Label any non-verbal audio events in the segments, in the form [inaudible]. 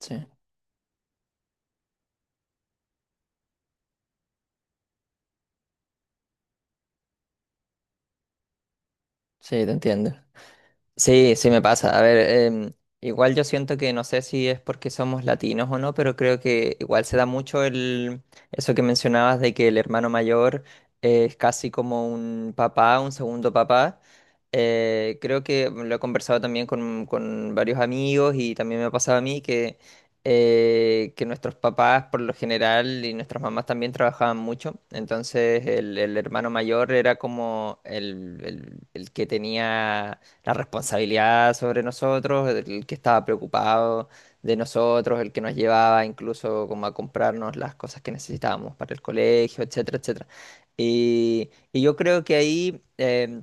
Sí, sí, te entiendo. Sí, sí me pasa. A ver, em, igual yo siento que no sé si es porque somos latinos o no, pero creo que igual se da mucho el eso que mencionabas de que el hermano mayor es casi como un papá, un segundo papá. Creo que lo he conversado también con varios amigos y también me ha pasado a mí que nuestros papás por lo general y nuestras mamás también trabajaban mucho. Entonces el hermano mayor era como el que tenía la responsabilidad sobre nosotros, el que estaba preocupado de nosotros, el que nos llevaba incluso como a comprarnos las cosas que necesitábamos para el colegio, etcétera, etcétera. Y yo creo que ahí,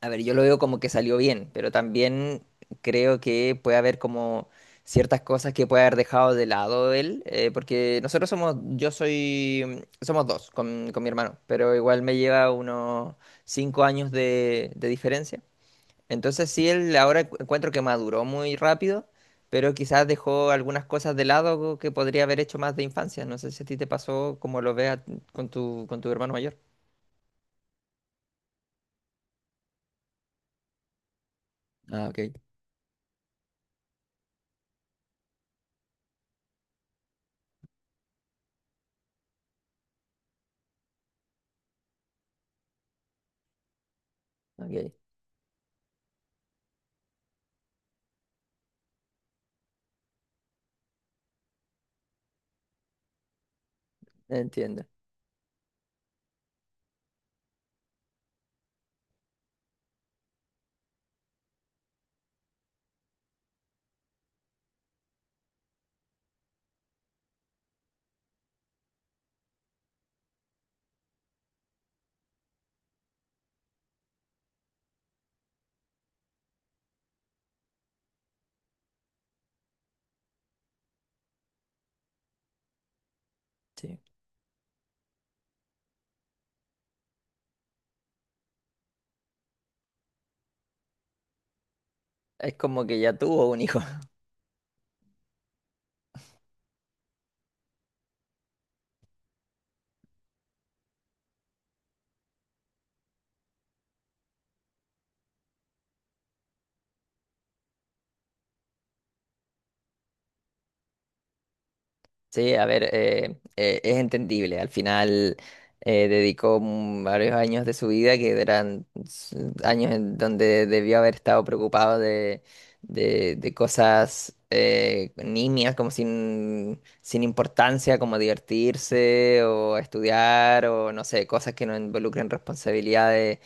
a ver, yo lo veo como que salió bien, pero también creo que puede haber como ciertas cosas que puede haber dejado de lado él, porque nosotros somos, yo soy, somos dos con mi hermano, pero igual me lleva unos cinco años de diferencia. Entonces sí, él ahora encuentro que maduró muy rápido, pero quizás dejó algunas cosas de lado que podría haber hecho más de infancia. No sé si a ti te pasó como lo veas con tu hermano mayor. Ah, ok, ok, entiendo. Sí. Es como que ya tuvo un hijo. Sí, a ver, es entendible. Al final dedicó varios años de su vida que eran años en donde debió haber estado preocupado de cosas nimias, como sin importancia, como divertirse o estudiar o no sé, cosas que no involucren responsabilidades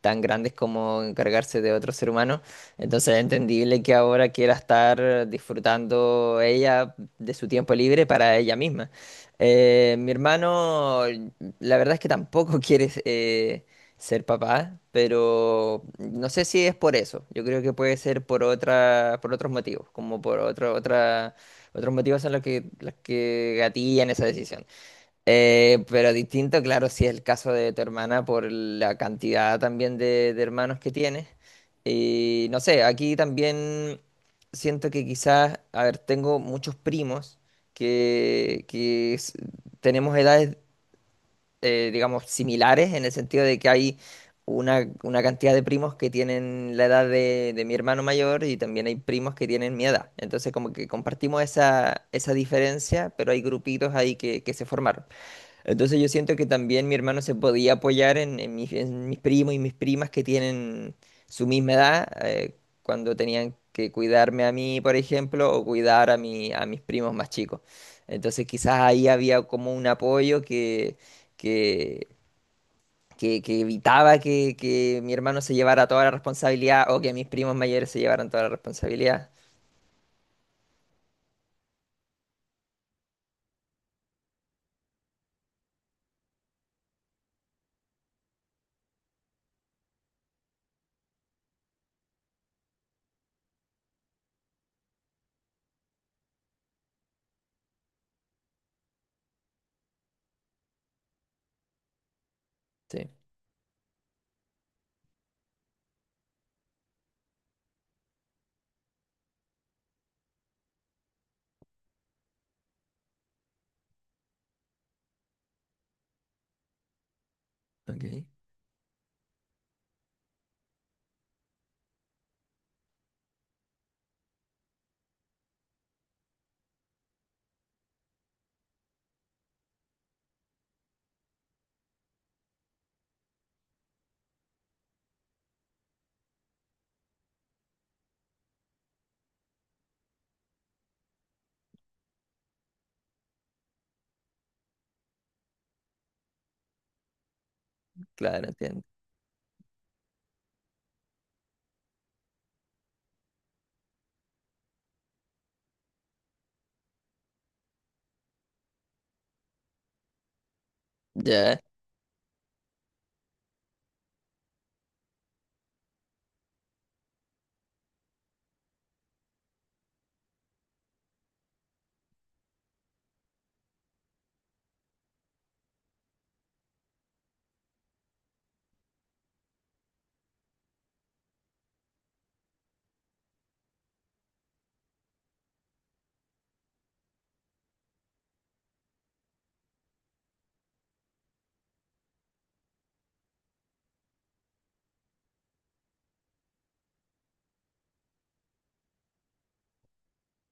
tan grandes como encargarse de otro ser humano. Entonces es entendible que ahora quiera estar disfrutando ella de su tiempo libre para ella misma. Mi hermano, la verdad es que tampoco [laughs] quiere ser papá, pero no sé si es por eso. Yo creo que puede ser por otra, por otros motivos, como por otro, otra, otros motivos en los que gatillan esa decisión. Pero distinto, claro, si es el caso de tu hermana por la cantidad también de hermanos que tienes. Y no sé, aquí también siento que quizás, a ver, tengo muchos primos que, que s- tenemos edades, digamos, similares en el sentido de que hay una cantidad de primos que tienen la edad de mi hermano mayor y también hay primos que tienen mi edad. Entonces, como que compartimos esa diferencia, pero hay grupitos ahí que se formaron. Entonces yo siento que también mi hermano se podía apoyar en en mis primos y mis primas que tienen su misma edad, cuando tenían que cuidarme a mí, por ejemplo, o cuidar a a mis primos más chicos. Entonces quizás ahí había como un apoyo que, que evitaba que mi hermano se llevara toda la responsabilidad o que mis primos mayores se llevaran toda la responsabilidad. Sí, ok, claro, entiendo. Ya.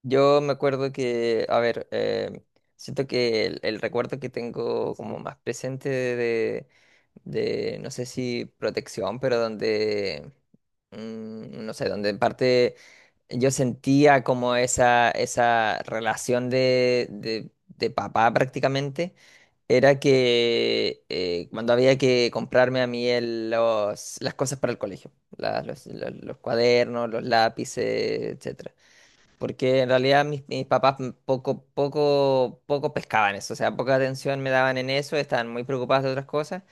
Yo me acuerdo que, a ver, siento que el recuerdo que tengo como más presente de, no sé si protección, pero donde, no sé, donde en parte yo sentía como esa relación de papá prácticamente, era que cuando había que comprarme a mí las cosas para el colegio, los cuadernos, los lápices, etc. Porque en realidad mis papás poco, poco, poco pescaban eso, o sea, poca atención me daban en eso, estaban muy preocupados de otras cosas.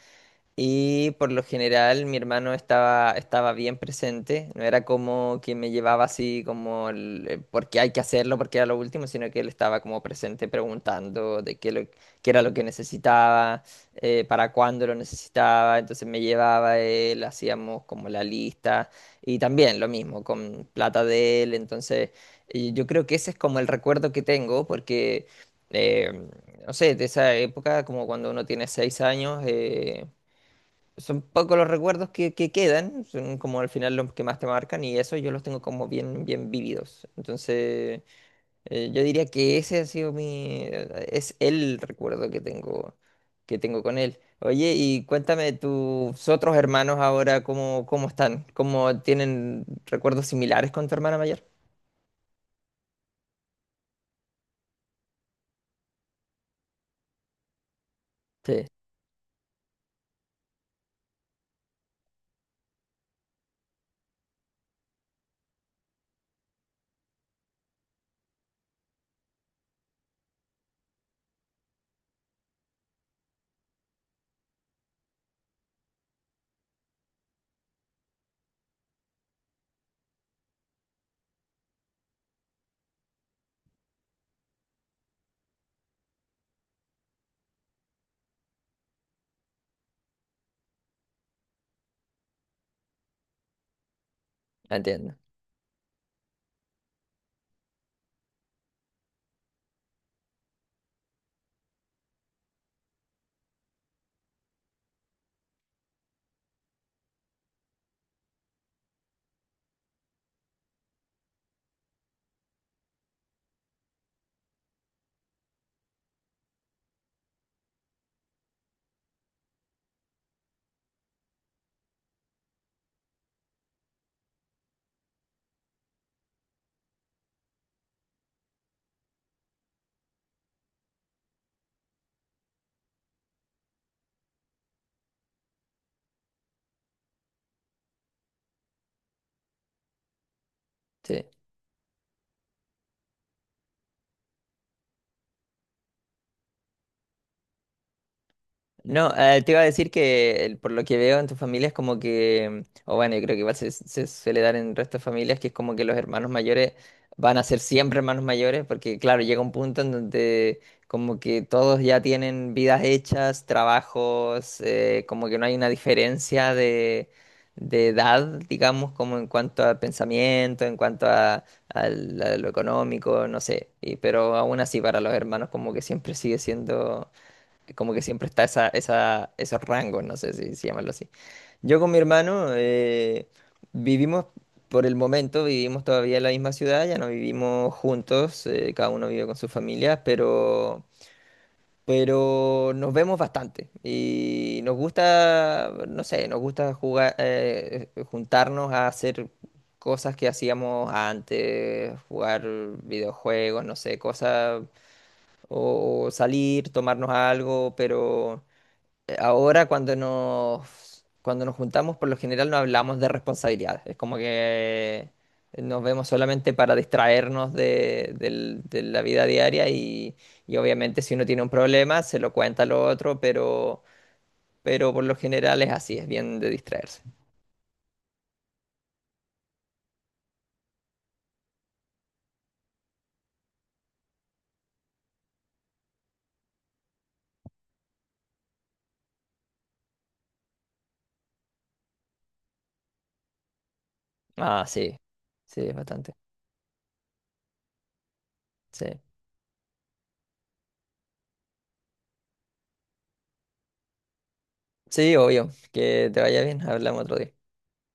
Y por lo general mi hermano estaba bien presente, no era como que me llevaba así como el, porque hay que hacerlo, porque era lo último, sino que él estaba como presente preguntando de qué era lo que necesitaba, para cuándo lo necesitaba, entonces me llevaba él, hacíamos como la lista y también lo mismo con plata de él, entonces yo creo que ese es como el recuerdo que tengo porque... eh, no sé, de esa época, como cuando uno tiene seis años. Son pocos los recuerdos que quedan, son como al final los que más te marcan y eso yo los tengo como bien, bien vividos. Entonces, yo diría que ese ha sido mi, es el recuerdo que tengo con él. Oye, y cuéntame tus otros hermanos ahora, ¿cómo, cómo están? ¿Cómo tienen recuerdos similares con tu hermana mayor? Sí, entiendo. Sí. No, te iba a decir que por lo que veo en tu familia es como que, o bueno, yo creo que igual se suele dar en el resto de familias que es como que los hermanos mayores van a ser siempre hermanos mayores, porque claro, llega un punto en donde como que todos ya tienen vidas hechas, trabajos, como que no hay una diferencia de edad, digamos, como en cuanto a pensamiento, en cuanto a, a lo económico, no sé, y- pero aún así para los hermanos como que siempre sigue siendo como que siempre está esa, esa, esos rangos, no sé si, si llamarlo así. Yo con mi hermano vivimos, por el momento, vivimos todavía en la misma ciudad, ya no vivimos juntos, cada uno vive con sus familias, pero nos vemos bastante y nos gusta, no sé, nos gusta jugar, juntarnos a hacer cosas que hacíamos antes, jugar videojuegos, no sé, cosas, o salir, tomarnos algo, pero ahora cuando nos juntamos, por lo general no hablamos de responsabilidades. Es como que nos vemos solamente para distraernos de la vida diaria y obviamente si uno tiene un problema se lo cuenta al otro, pero por lo general es así, es bien de distraerse. Ah, sí, sí, es bastante. Sí, sí, obvio. Que te vaya bien, hablamos otro día.